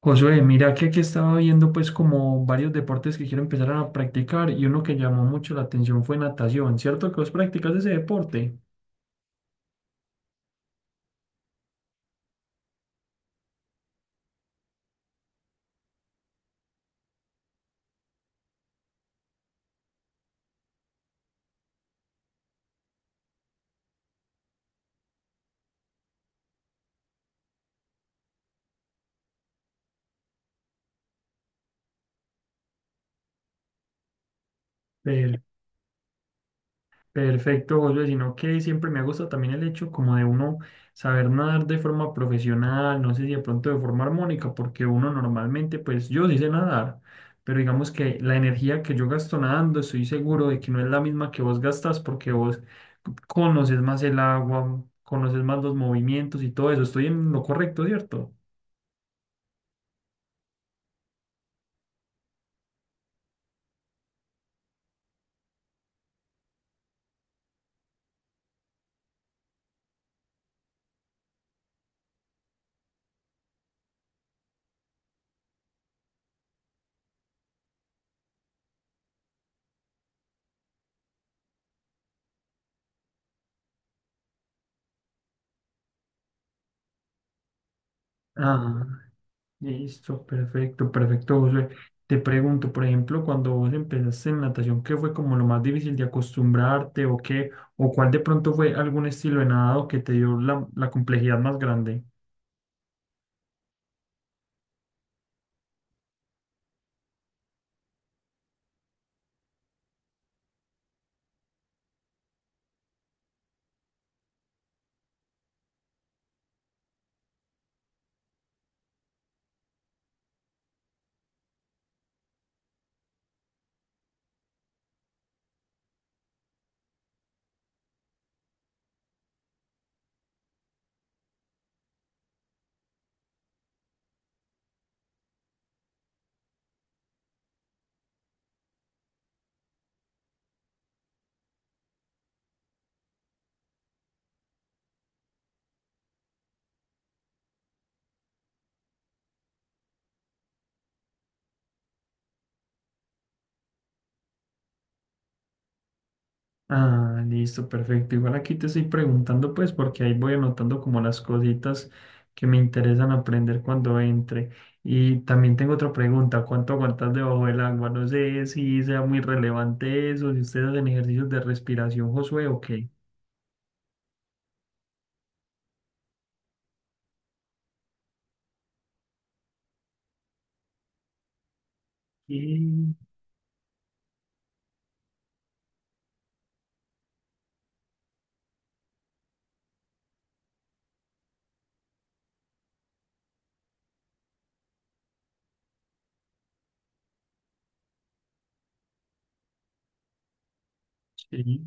Josué, mira que aquí estaba viendo pues como varios deportes que quiero empezar a practicar y uno que llamó mucho la atención fue natación, ¿cierto que vos practicas ese deporte? Perfecto, Josué, sino que siempre me ha gustado también el hecho como de uno saber nadar de forma profesional, no sé si de pronto de forma armónica, porque uno normalmente, pues yo sí sé nadar, pero digamos que la energía que yo gasto nadando, estoy seguro de que no es la misma que vos gastas porque vos conoces más el agua, conoces más los movimientos y todo eso, estoy en lo correcto, ¿cierto? Ah. Listo, perfecto, perfecto, Josué. Te pregunto, por ejemplo, cuando vos empezaste en natación, ¿qué fue como lo más difícil de acostumbrarte o qué? ¿O cuál de pronto fue algún estilo de nadado que te dio la complejidad más grande? Ah, listo, perfecto. Igual aquí te estoy preguntando, pues, porque ahí voy anotando como las cositas que me interesan aprender cuando entre. Y también tengo otra pregunta, ¿cuánto aguantas debajo del agua? No sé si sea muy relevante eso, si ustedes hacen ejercicios de respiración, Josué, o qué. Sí. Sí,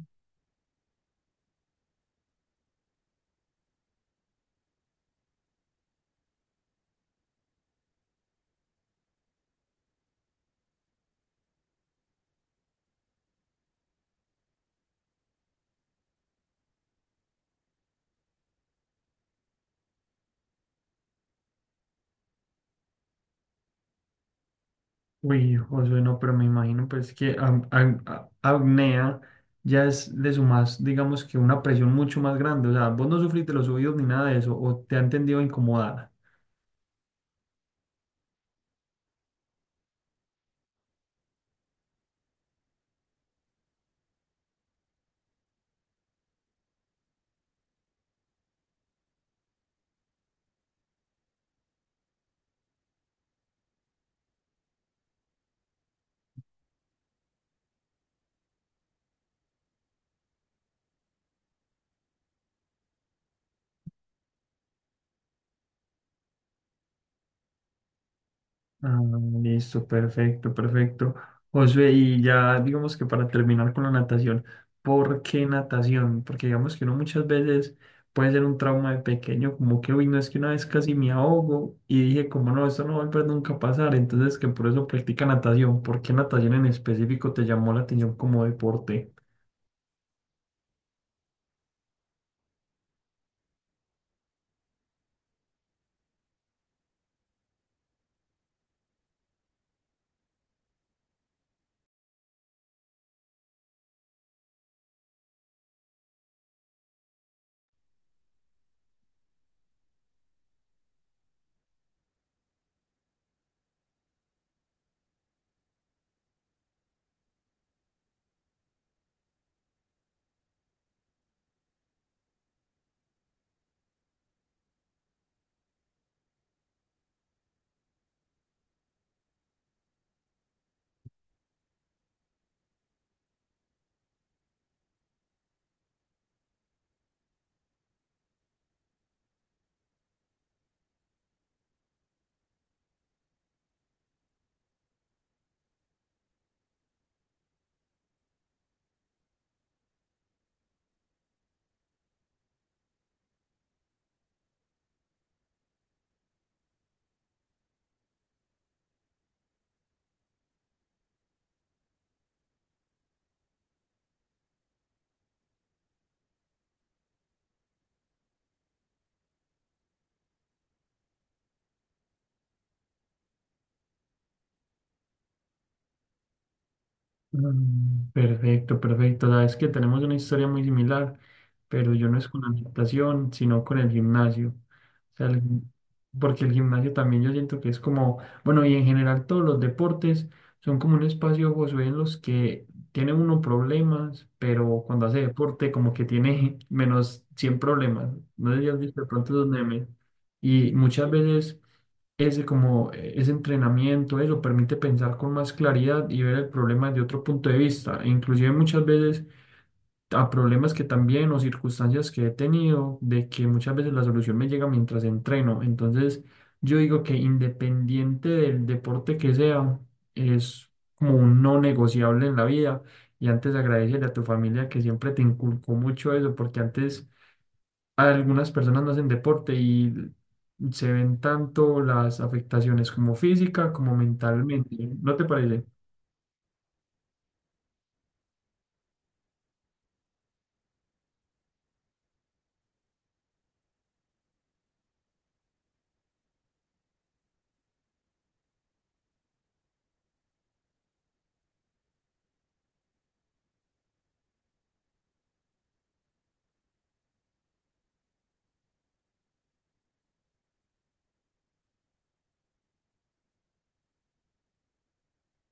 uy, Josué, no, pero me imagino pues que apnea ya es de su más, digamos que una presión mucho más grande, o sea, vos no sufrís de los oídos ni nada de eso, o te han tendido a incomodar. Ah, listo, perfecto, perfecto. Josué, y ya digamos que para terminar con la natación, ¿por qué natación? Porque digamos que uno muchas veces puede ser un trauma de pequeño, como que, uy, no es que una vez casi me ahogo y dije, como no, esto no va a volver nunca a pasar, entonces que por eso practica natación. ¿Por qué natación en específico te llamó la atención como deporte? Mm, perfecto, perfecto. Sabes que tenemos una historia muy similar, pero yo no es con la natación, sino con el gimnasio. O sea, el gim-, porque el gimnasio también yo siento que es como, bueno, y en general todos los deportes son como un espacio, Josué, en los que tiene uno problemas, pero cuando hace deporte como que tiene menos 100 problemas. No sé si has visto de pronto esos memes. Y muchas veces ese como ese entrenamiento, eso permite pensar con más claridad y ver el problema de otro punto de vista, e inclusive muchas veces a problemas que también o circunstancias que he tenido, de que muchas veces la solución me llega mientras entreno. Entonces, yo digo que independiente del deporte que sea, es como un no negociable en la vida. Y antes agradecerle a tu familia que siempre te inculcó mucho eso, porque antes algunas personas no hacen deporte y se ven tanto las afectaciones como física como mentalmente. ¿No te parece?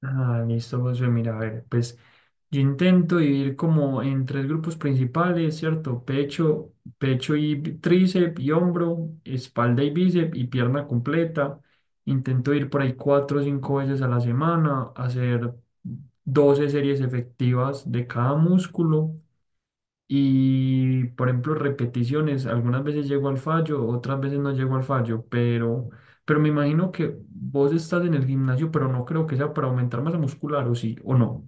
Ah, listo, Josué. Mira, a ver, pues yo intento dividir como en tres grupos principales, ¿cierto? Pecho, pecho y tríceps y hombro, espalda y bíceps y pierna completa. Intento ir por ahí 4 o 5 veces a la semana, hacer 12 series efectivas de cada músculo. Y, por ejemplo, repeticiones, algunas veces llego al fallo, otras veces no llego al fallo, pero, me imagino que vos estás en el gimnasio, pero no creo que sea para aumentar masa muscular, o sí, o no.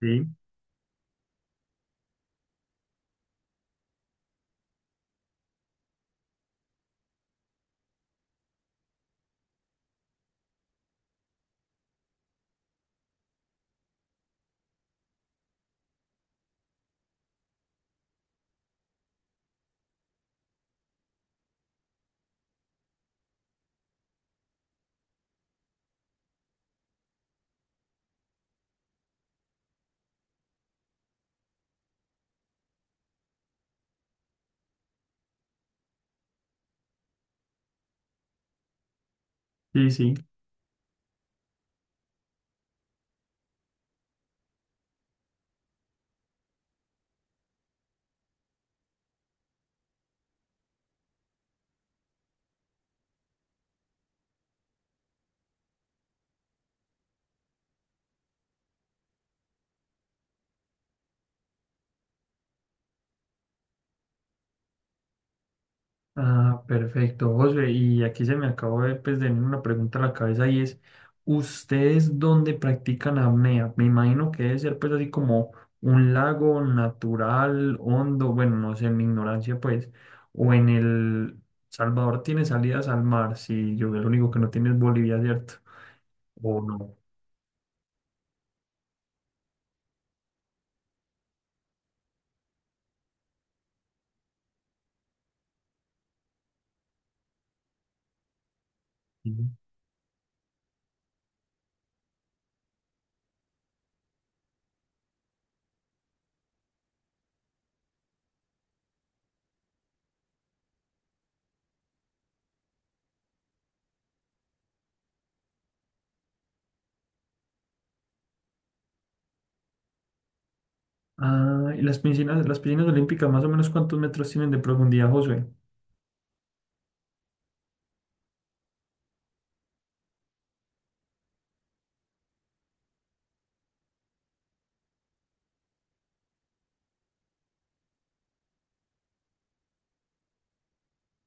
Sí, sí, sí. Ah, perfecto, José. Y aquí se me acabó de, pues, de venir una pregunta a la cabeza y es, ¿ustedes dónde practican apnea? Me imagino que debe ser pues así como un lago natural, hondo, bueno, no sé, en mi ignorancia pues, o en el Salvador tiene salidas al mar, si yo lo único que no tiene es Bolivia, ¿cierto? O no. Sí. Ah, ¿y las piscinas olímpicas más o menos cuántos metros tienen de profundidad, José?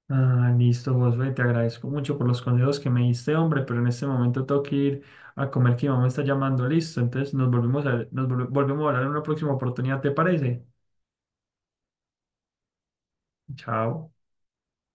Ah, listo, Josué, te agradezco mucho por los consejos que me diste, hombre, pero en este momento tengo que ir a comer que mi mamá me está llamando, listo. Entonces nos volvemos a, nos volve- volvemos a hablar en una próxima oportunidad, ¿te parece? Chao.